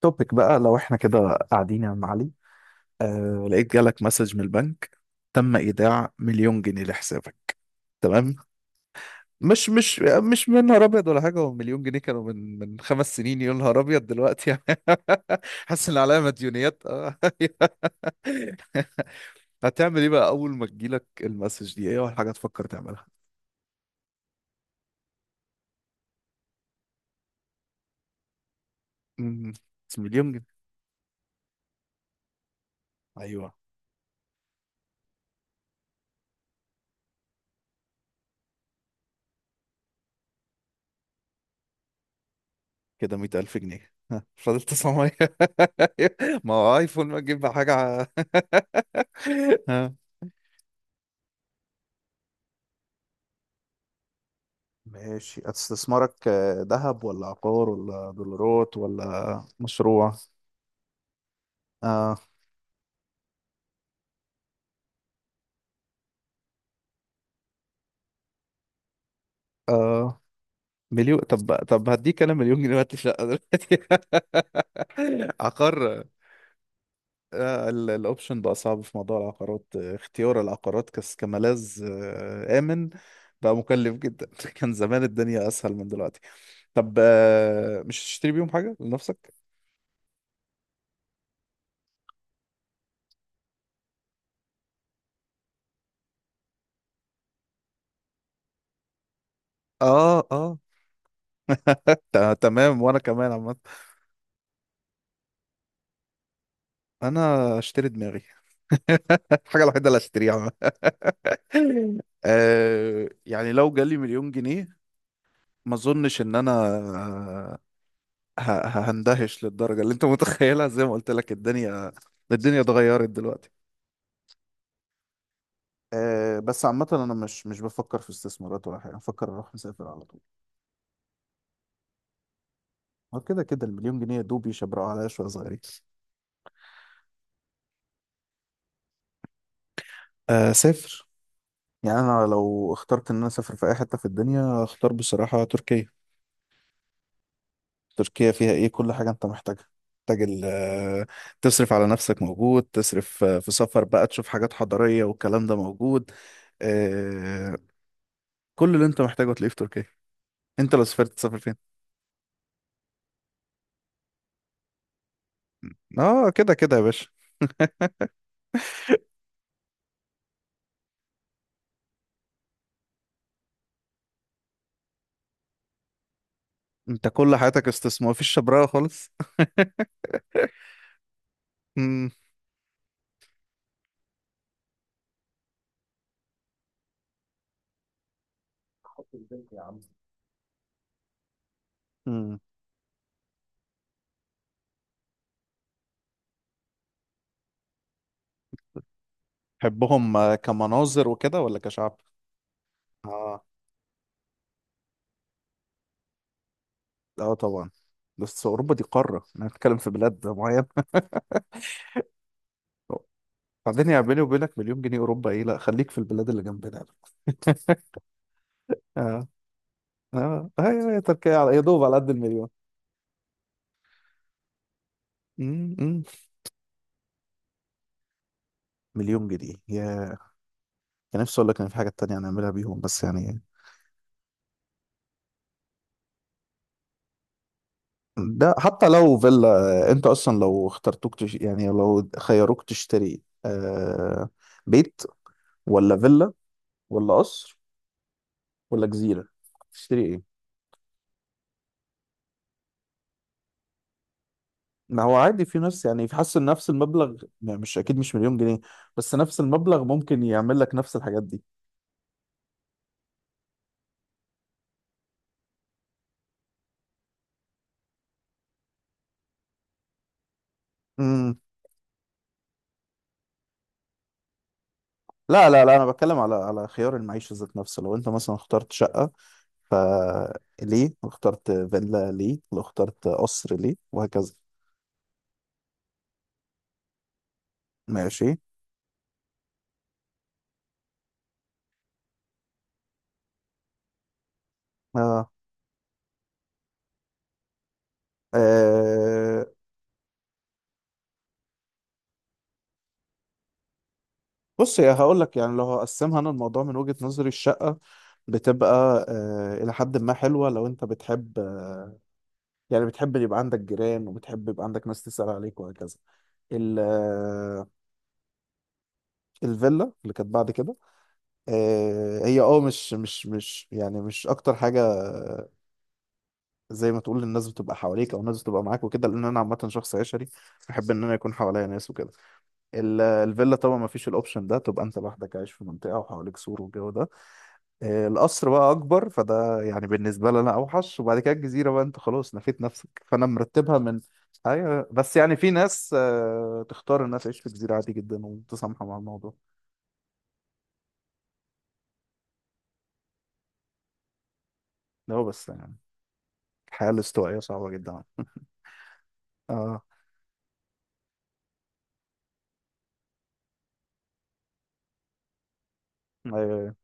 توبيك بقى، لو احنا كده قاعدين يا عم علي. لقيت جالك مسج من البنك: تم ايداع مليون جنيه لحسابك. تمام. مش مش مش من نهار ابيض ولا حاجه. هو مليون جنيه كانوا من 5 سنين، يا نهار ابيض دلوقتي يعني. حاسس ان عليا مديونيات آه. هتعمل ايه بقى اول ما تجيلك المسج دي؟ ايه اول حاجه تفكر تعملها؟ امم. مليون جنيه. ايوه. كده 100,000 جنيه، ها، فاضل 900. ما هو ايفون، ما تجيب حاجة ها. ماشي، استثمارك ذهب ولا عقار ولا دولارات ولا مشروع؟ آه آه. مليون؟ طب هديك انا مليون جنيه وهات لي شقة دلوقتي. عقار. الاوبشن بقى صعب في موضوع العقارات، اختيار العقارات كملاذ آمن بقى مكلف جدا. كان زمان الدنيا اسهل من دلوقتي. طب مش هتشتري بيهم حاجة لنفسك؟ اه اه. تمام. وانا كمان عامة انا اشتري دماغي. الحاجة الوحيدة اللي هشتريها. عامة. يعني لو جالي مليون جنيه ما اظنش ان انا آه، هندهش للدرجة اللي انت متخيلها. زي ما قلت لك، الدنيا اتغيرت دلوقتي. بس عامة أنا مش بفكر في استثمارات ولا حاجة، بفكر أروح مسافر على طول. هو كده كده المليون جنيه يا دوب يشبرقوا عليا شوية صغيرين. أسافر. يعني انا لو اخترت ان انا اسافر في اي حته في الدنيا، اختار بصراحه تركيا. تركيا فيها ايه؟ كل حاجه انت محتاجها. محتاج تصرف على نفسك موجود، تصرف في سفر بقى تشوف حاجات حضاريه والكلام ده موجود. آه، كل اللي انت محتاجه تلاقيه في تركيا. انت لو سافرت تسافر فين؟ اه، كده كده يا باشا. انت كل حياتك استثمار، مفيش شبراوه خالص. امم. أمم. تحبهم كمناظر وكده ولا كشعب؟ اه. اه طبعا. بس اوروبا دي قاره، انا بتكلم في بلاد معينه. بعدين يا بيني وبينك، مليون جنيه اوروبا ايه؟ لا، خليك في البلاد اللي جنبنا. اه. اه ايوه، هي تركيا على يا دوب على قد المليون. مم، مم. مليون جنيه يا... كان نفسي اقول لك ان في حاجه تانية هنعملها بيهم بس يعني ده حتى لو فيلا. انت اصلا لو اخترتوك يعني لو خيروك تشتري بيت ولا فيلا ولا قصر ولا جزيره؟ تشتري ايه؟ ما هو عادي، في ناس يعني في حاسس ان نفس المبلغ، يعني مش اكيد مش مليون جنيه، بس نفس المبلغ ممكن يعمل لك نفس الحاجات دي. امم. لا لا لا، انا بتكلم على على خيار المعيشه ذات نفسه. لو انت مثلا اخترت شقه ليه، واخترت فيلا ليه، واخترت قصر ليه، وهكذا. ماشي. اه. آه. بص، يا هقول لك، يعني لو هقسمها انا، الموضوع من وجهة نظري: الشقه بتبقى الى حد ما حلوه لو انت بتحب، يعني بتحب يبقى عندك جيران وبتحب يبقى عندك ناس تسأل عليك وهكذا. ال- آه، الفيلا اللي كانت بعد كده، هي اه مش مش مش يعني مش اكتر حاجه، زي ما تقول الناس بتبقى حواليك او الناس بتبقى معاك وكده، لان انا عامه شخص عشري، بحب ان انا يكون حواليا ناس وكده. الفيلا طبعا ما فيش الاوبشن ده، تبقى انت لوحدك عايش في منطقه وحواليك سور والجو ده. القصر بقى اكبر، فده يعني بالنسبه لي انا اوحش. وبعد كده الجزيره بقى، انت خلاص نفيت نفسك. فانا مرتبها من... ايوه بس يعني في ناس تختار انها تعيش في جزيره عادي جدا ومتسامحه مع الموضوع. ده هو بس يعني الحياه الاستوائيه صعبه جدا. اه ايوه ايوه.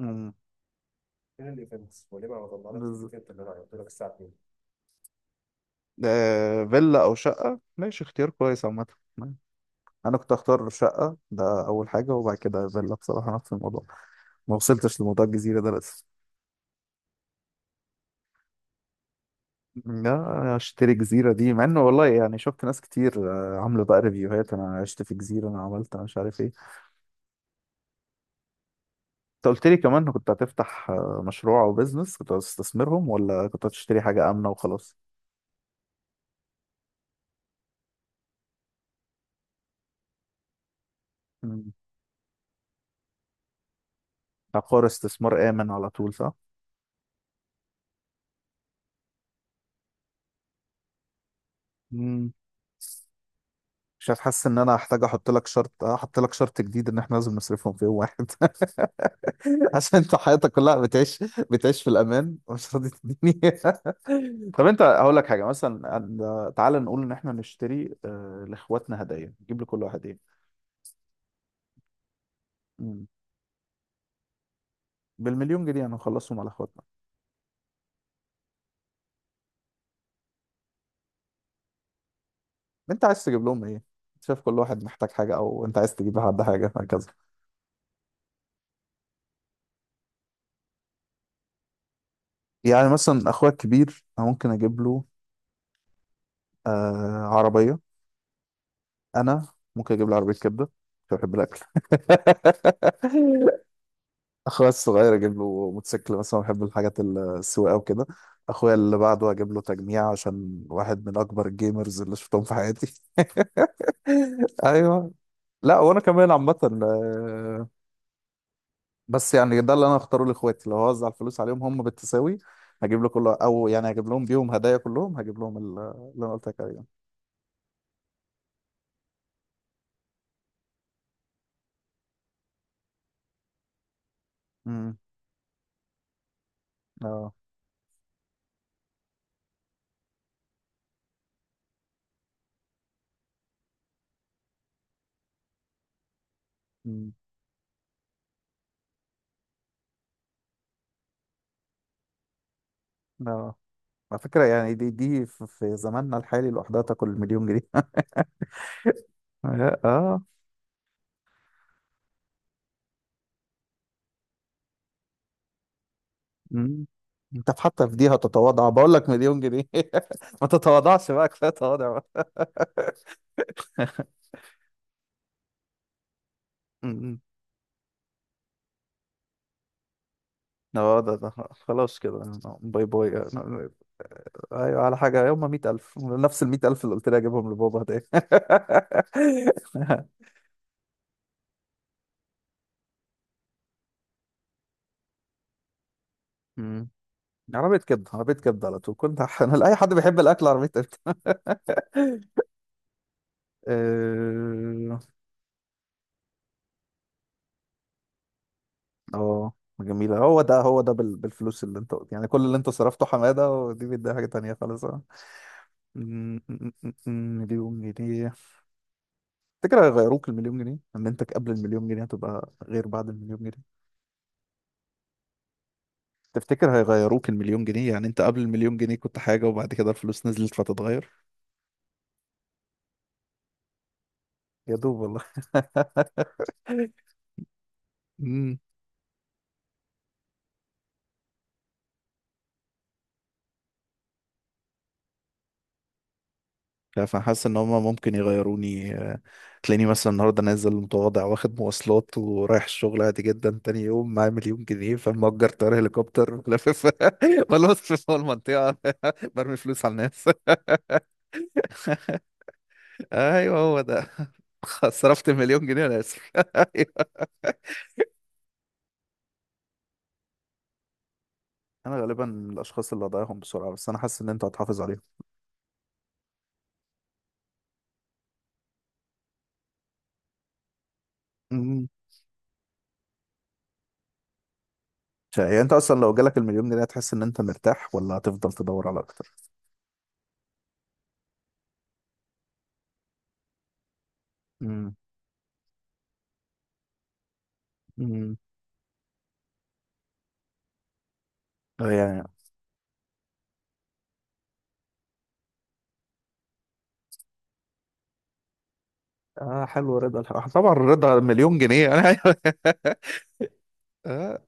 أمم. بالظبط. فيلا او شقه، ماشي، اختيار كويس عامه. انا كنت اختار شقه ده اول حاجه، وبعد كده فيلا بصراحه نفس الموضوع. ما وصلتش لموضوع الجزيره ده لسه. لا، اشتري جزيرة دي، مع انه والله يعني شفت ناس كتير عاملة بقى ريفيوهات: انا عشت في جزيرة، انا عملت، أنا مش عارف ايه. انت قلت لي كمان إنك كنت هتفتح مشروع او بيزنس، كنت هتستثمرهم ولا كنت هتشتري حاجة آمنة وخلاص؟ مم. عقار، استثمار آمن على طول، صح؟ مم. مش هتحس ان انا هحتاج احط لك شرط، احط لك شرط جديد، ان احنا لازم نصرفهم في يوم واحد. عشان انت حياتك كلها بتعيش في الامان ومش راضي تديني. طب انت هقول لك حاجه، مثلا تعال نقول ان احنا نشتري لاخواتنا هدايا. نجيب لكل واحد ايه؟ مم. بالمليون جنيه هنخلصهم على اخواتنا. انت عايز تجيب لهم ايه؟ شايف كل واحد محتاج حاجه، او انت عايز تجيب لحد حاجه، هكذا. يعني مثلا اخويا الكبير انا ممكن اجيب له آه عربيه. انا ممكن اجيب له عربيه كبده، عشان بحب الاكل. اخويا الصغير اجيب له موتوسيكل مثلا، بحب الحاجات السواقه وكده. اخويا اللي بعده اجيب له تجميع، عشان واحد من اكبر الجيمرز اللي شفتهم في حياتي. ايوه. لا وانا كمان عامه، آه، بس يعني ده اللي انا اختاره لاخواتي لو هوزع الفلوس عليهم هم بالتساوي. هجيب له كله، او يعني هجيب لهم بيهم هدايا كلهم، هجيب لهم اللي انا قلت لك عليه. امم. اه. امم. اه. على فكره، يعني دي في زماننا الحالي لوحدها تاكل مليون جنيه. اه مم. انت حتى في دي هتتواضع بقول لك مليون جنيه. ما تتواضعش بقى، كفايه تواضع بقى. مم. اه، ده خلاص كده باي باي ايوه، على حاجه يوم 100,000، نفس ال 100,000 اللي قلت لي اجيبهم لبابا هدايا. مم. عربية كبدة، عربية كبدة على طول، كنت انا اي حد بيحب الاكل عربية كبدة. اه. آه، جميلة. هو ده هو ده بالفلوس اللي انت يعني كل اللي انت صرفته حمادة، ودي بيديها حاجة تانية خالص. م- م- م- م- مليون جنيه. تفتكر هيغيروك المليون جنيه؟ اما انت قبل المليون جنيه هتبقى غير بعد المليون جنيه. تفتكر هيغيروك المليون جنيه؟ يعني انت قبل المليون جنيه كنت حاجة، وبعد كده الفلوس نزلت فتتغير. يا دوب والله. امم. فحاسس ان هما ممكن يغيروني، تلاقيني مثلا النهارده نازل متواضع واخد مواصلات ورايح الشغل عادي جدا، تاني يوم معايا مليون جنيه فمأجر طيارة هليكوبتر لافف. بلف في المنطقة. برمي فلوس على الناس. ايوه، هو ده. صرفت مليون جنيه، انا اسف. أيوة. انا غالبا من الاشخاص اللي هضيعهم بسرعه، بس انا حاسس ان انت هتحافظ عليهم. أمم. يعني انت اصلا لو جالك المليون جنيه هتحس ان انت مرتاح، ولا هتفضل تدور على اكتر؟ أمم. أمم. آه يعني اه، حلو رضا طبعا، رضا مليون جنيه. انا أيوة.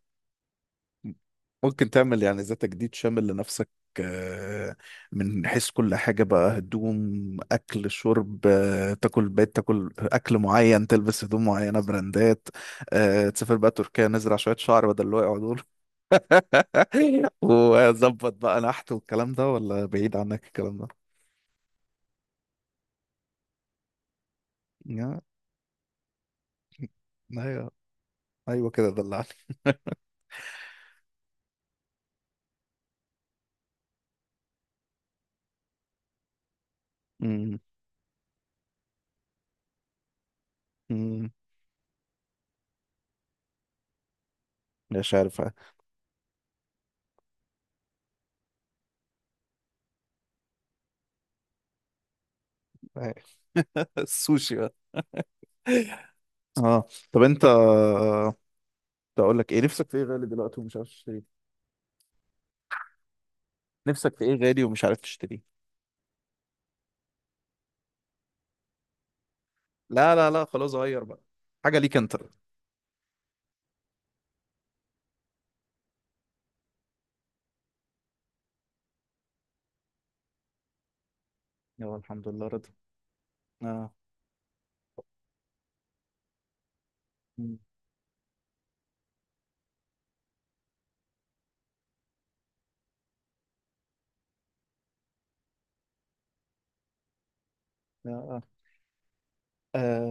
ممكن تعمل يعني زي تجديد شامل لنفسك، آه، من حيث كل حاجة بقى: هدوم، أكل، شرب، تاكل بيت، تاكل أكل معين، تلبس هدوم معينة براندات، تسافر بقى تركيا، نزرع شوية شعر بدل اللي وقعوا دول. وظبط بقى نحت والكلام ده، ولا بعيد عنك الكلام ده؟ يا- أيوه. أيوه، كده دلعني. أمم، أمم، مش عارف. السوشي بقى. اه. طب انت، اقول لك ايه، نفسك في ايه غالي دلوقتي ومش عارف تشتريه؟ نفسك في ايه غالي ومش عارف تشتريه؟ لا لا لا، خلاص غير بقى. حاجه ليك انت. يلا الحمد لله رضا. اه. مم. آه. آه.